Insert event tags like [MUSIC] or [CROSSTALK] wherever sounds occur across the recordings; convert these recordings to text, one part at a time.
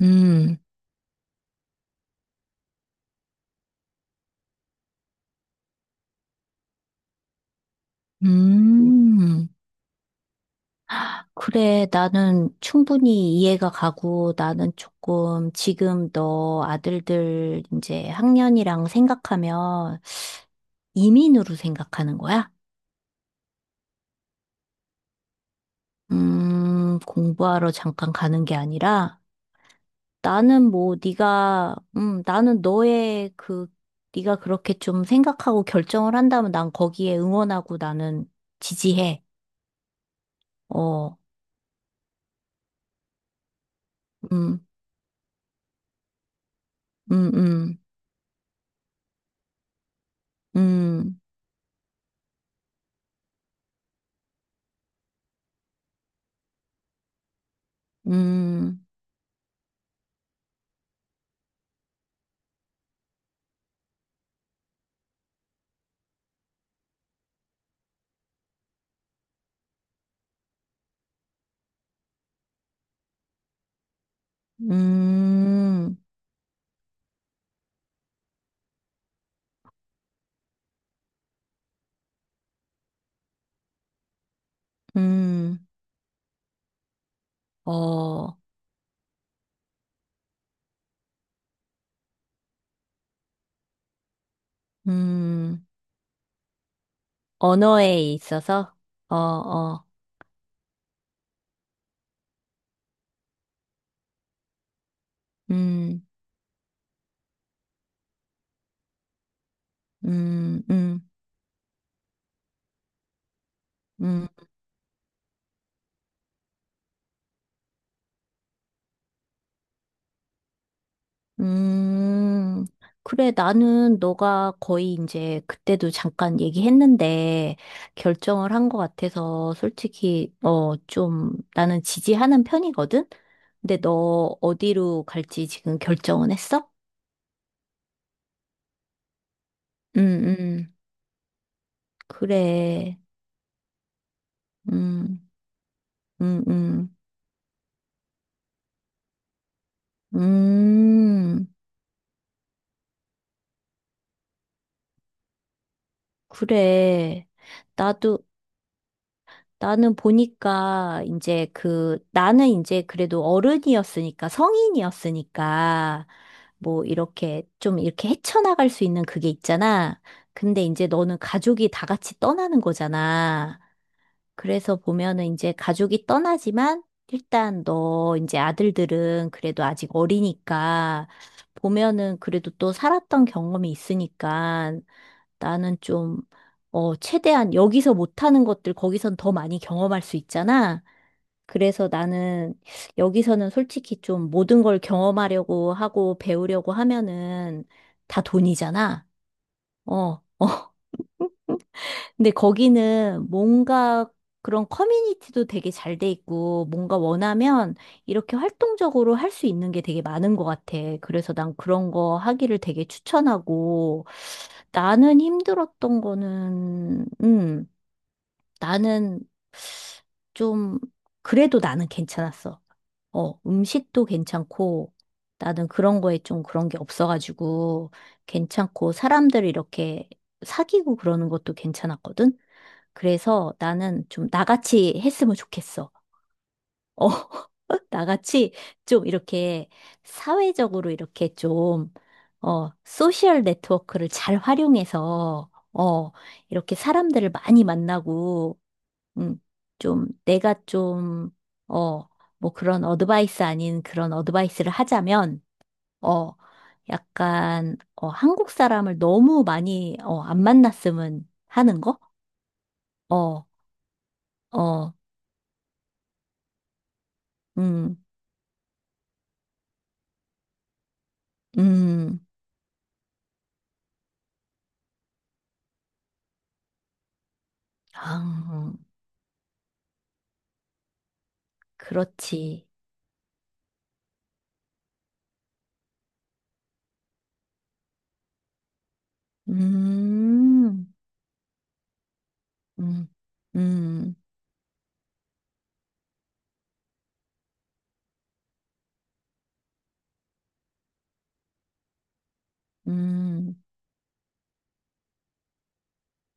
음, 음, 음. 그래, 나는 충분히 이해가 가고 나는 조금 지금 너 아들들 이제 학년이랑 생각하면 이민으로 생각하는 거야? 공부하러 잠깐 가는 게 아니라 나는 뭐 네가 나는 너의 그 네가 그렇게 좀 생각하고 결정을 한다면 난 거기에 응원하고 나는 지지해. 어, 음, 음, 음, 음, 음. 음, 음, 어, 음, 언어에 있어서, 어, 어, 음, 음, 음, 음, 음. 그래, 나는 너가 거의 이제 그때도 잠깐 얘기했는데 결정을 한 것 같아서 솔직히, 좀 나는 지지하는 편이거든? 근데 너 어디로 갈지 지금 결정은 했어? 음, 음, 그래, 음, 음, 음. 음, 그래. 나도, 나는 보니까 이제 나는 이제 그래도 어른이었으니까, 성인이었으니까, 뭐 이렇게 좀 이렇게 헤쳐나갈 수 있는 그게 있잖아. 근데 이제 너는 가족이 다 같이 떠나는 거잖아. 그래서 보면은 이제 가족이 떠나지만 일단 너 이제 아들들은 그래도 아직 어리니까 보면은 그래도 또 살았던 경험이 있으니까 나는 좀, 어, 최대한 여기서 못하는 것들 거기선 더 많이 경험할 수 있잖아. 그래서 나는 여기서는 솔직히 좀 모든 걸 경험하려고 하고 배우려고 하면은 다 돈이잖아. 어. [LAUGHS] 근데 거기는 뭔가 그런 커뮤니티도 되게 잘 돼 있고, 뭔가 원하면 이렇게 활동적으로 할 수 있는 게 되게 많은 것 같아. 그래서 난 그런 거 하기를 되게 추천하고, 나는 힘들었던 거는, 나는 좀, 그래도 나는 괜찮았어. 어, 음식도 괜찮고, 나는 그런 거에 좀 그런 게 없어가지고, 괜찮고, 사람들 이렇게 사귀고 그러는 것도 괜찮았거든? 그래서 나는 좀 나같이 했으면 좋겠어. 어, [LAUGHS] 나같이 좀 이렇게 사회적으로 이렇게 좀, 어, 소셜 네트워크를 잘 활용해서, 이렇게 사람들을 많이 만나고, 음, 좀 내가 좀, 어, 뭐 그런 어드바이스 아닌 그런 어드바이스를 하자면, 어, 약간, 어, 한국 사람을 너무 많이, 어, 안 만났으면 하는 거? 어, 어. 음. 음, 아, 그렇지. 음, 음, 음, 음,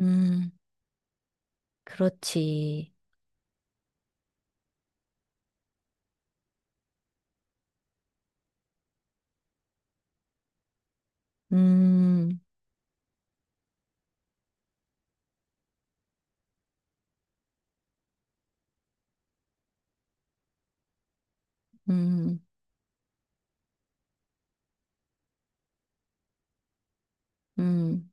음, 그렇지. 음, 음, 음,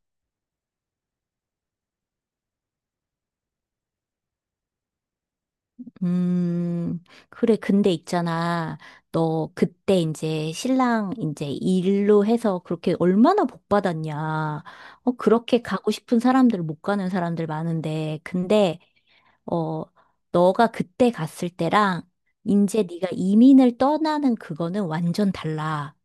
음. 그래, 근데 있잖아. 너 그때 이제 신랑 이제 일로 해서 그렇게 얼마나 복 받았냐. 어, 그렇게 가고 싶은 사람들 못 가는 사람들 많은데. 근데 어, 너가 그때 갔을 때랑 이제 네가 이민을 떠나는 그거는 완전 달라.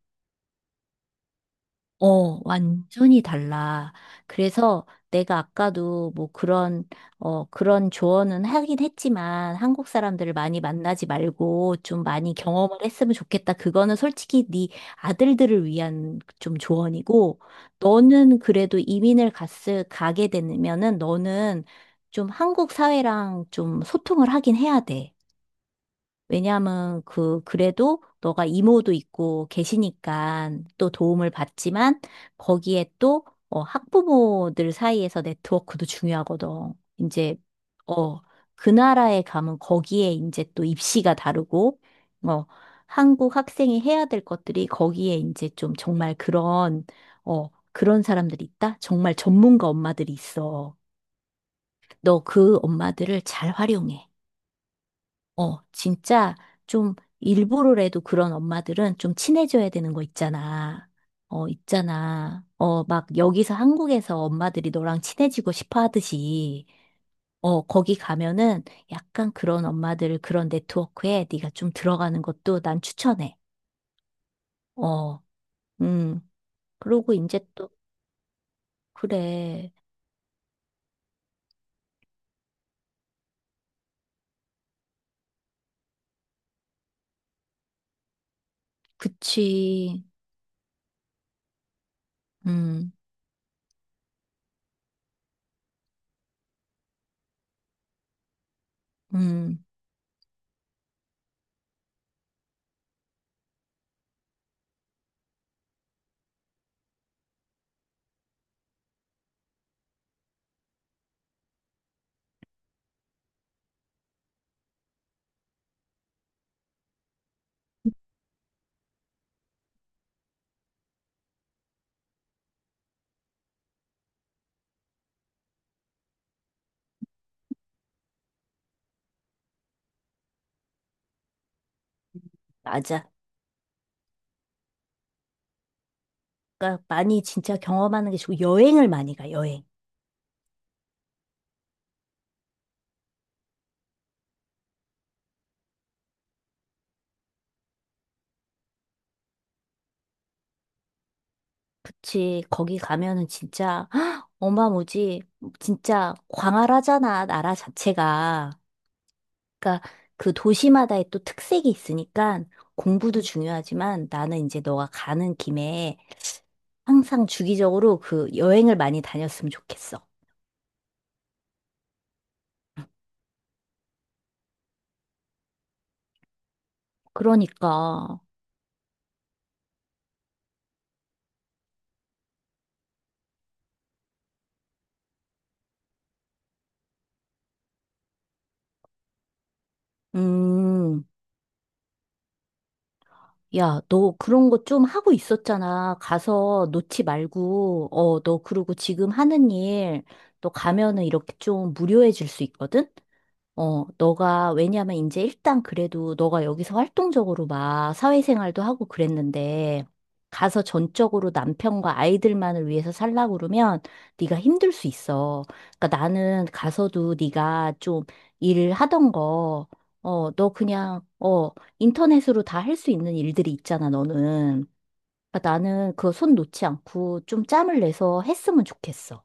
어, 완전히 달라. 그래서 내가 아까도 뭐 그런, 어, 그런 조언은 하긴 했지만 한국 사람들을 많이 만나지 말고 좀 많이 경험을 했으면 좋겠다. 그거는 솔직히 네 아들들을 위한 좀 조언이고 너는 그래도 이민을 갔을, 가게 되면은 너는 좀 한국 사회랑 좀 소통을 하긴 해야 돼. 왜냐하면 그 그래도 너가 이모도 있고 계시니까 또 도움을 받지만 거기에 또 어, 학부모들 사이에서 네트워크도 중요하거든. 이제 어, 그 나라에 가면 거기에 이제 또 입시가 다르고 어, 한국 학생이 해야 될 것들이 거기에 이제 좀 정말 그런 어, 그런 사람들이 있다? 정말 전문가 엄마들이 있어. 너 그 엄마들을 잘 활용해. 어, 진짜 좀 일부러라도 그런 엄마들은 좀 친해져야 되는 거 있잖아. 어, 있잖아. 어, 막 여기서 한국에서 엄마들이 너랑 친해지고 싶어 하듯이, 어, 거기 가면은 약간 그런 엄마들 그런 네트워크에 네가 좀 들어가는 것도 난 추천해. 어, 음. 그러고 이제 또, 그래. 그치. 음, 음. 맞아. 그러니까 많이 진짜 경험하는 게 좋고 여행을 많이 가, 여행. 그치. 거기 가면은 진짜 [GASPS] 어마무지 진짜 광활하잖아 나라 자체가. 그러니까 그 도시마다의 또 특색이 있으니까 공부도 중요하지만 나는 이제 너가 가는 김에 항상 주기적으로 그 여행을 많이 다녔으면 좋겠어. 그러니까 음. 야, 너 그런 거 좀 하고 있었잖아. 가서 놓지 말고, 어, 너 그리고 지금 하는 일, 너 가면은 이렇게 좀 무료해 줄 수 있거든? 어, 너가, 왜냐면 이제 일단 그래도 너가 여기서 활동적으로 막 사회생활도 하고 그랬는데, 가서 전적으로 남편과 아이들만을 위해서 살라고 그러면 네가 힘들 수 있어. 그러니까 나는 가서도 네가 좀 일하던 거, 어, 너 그냥, 어, 인터넷으로 다 할 수 있는 일들이 있잖아, 너는. 그러니까 나는 그거 손 놓지 않고 좀 짬을 내서 했으면 좋겠어.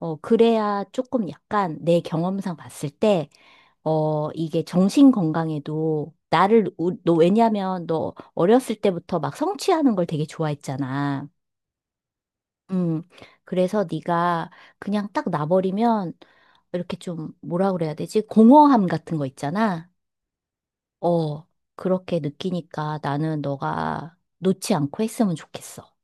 어, 그래야 조금 약간 내 경험상 봤을 때 어, 이게 정신 건강에도 너 왜냐면 너 어렸을 때부터 막 성취하는 걸 되게 좋아했잖아. 음, 그래서 네가 그냥 딱 놔버리면 이렇게 좀 뭐라 그래야 되지? 공허함 같은 거 있잖아. 어, 그렇게 느끼니까 나는 너가 놓지 않고 했으면 좋겠어.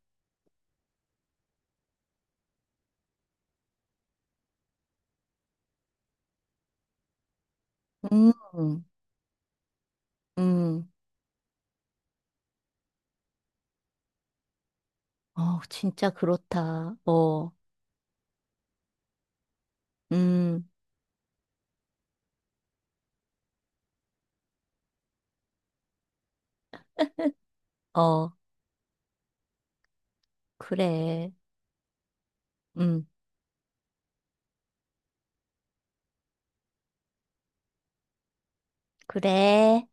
음, 음, 어, 진짜 그렇다. 음, 어, 그래. 음, 그래.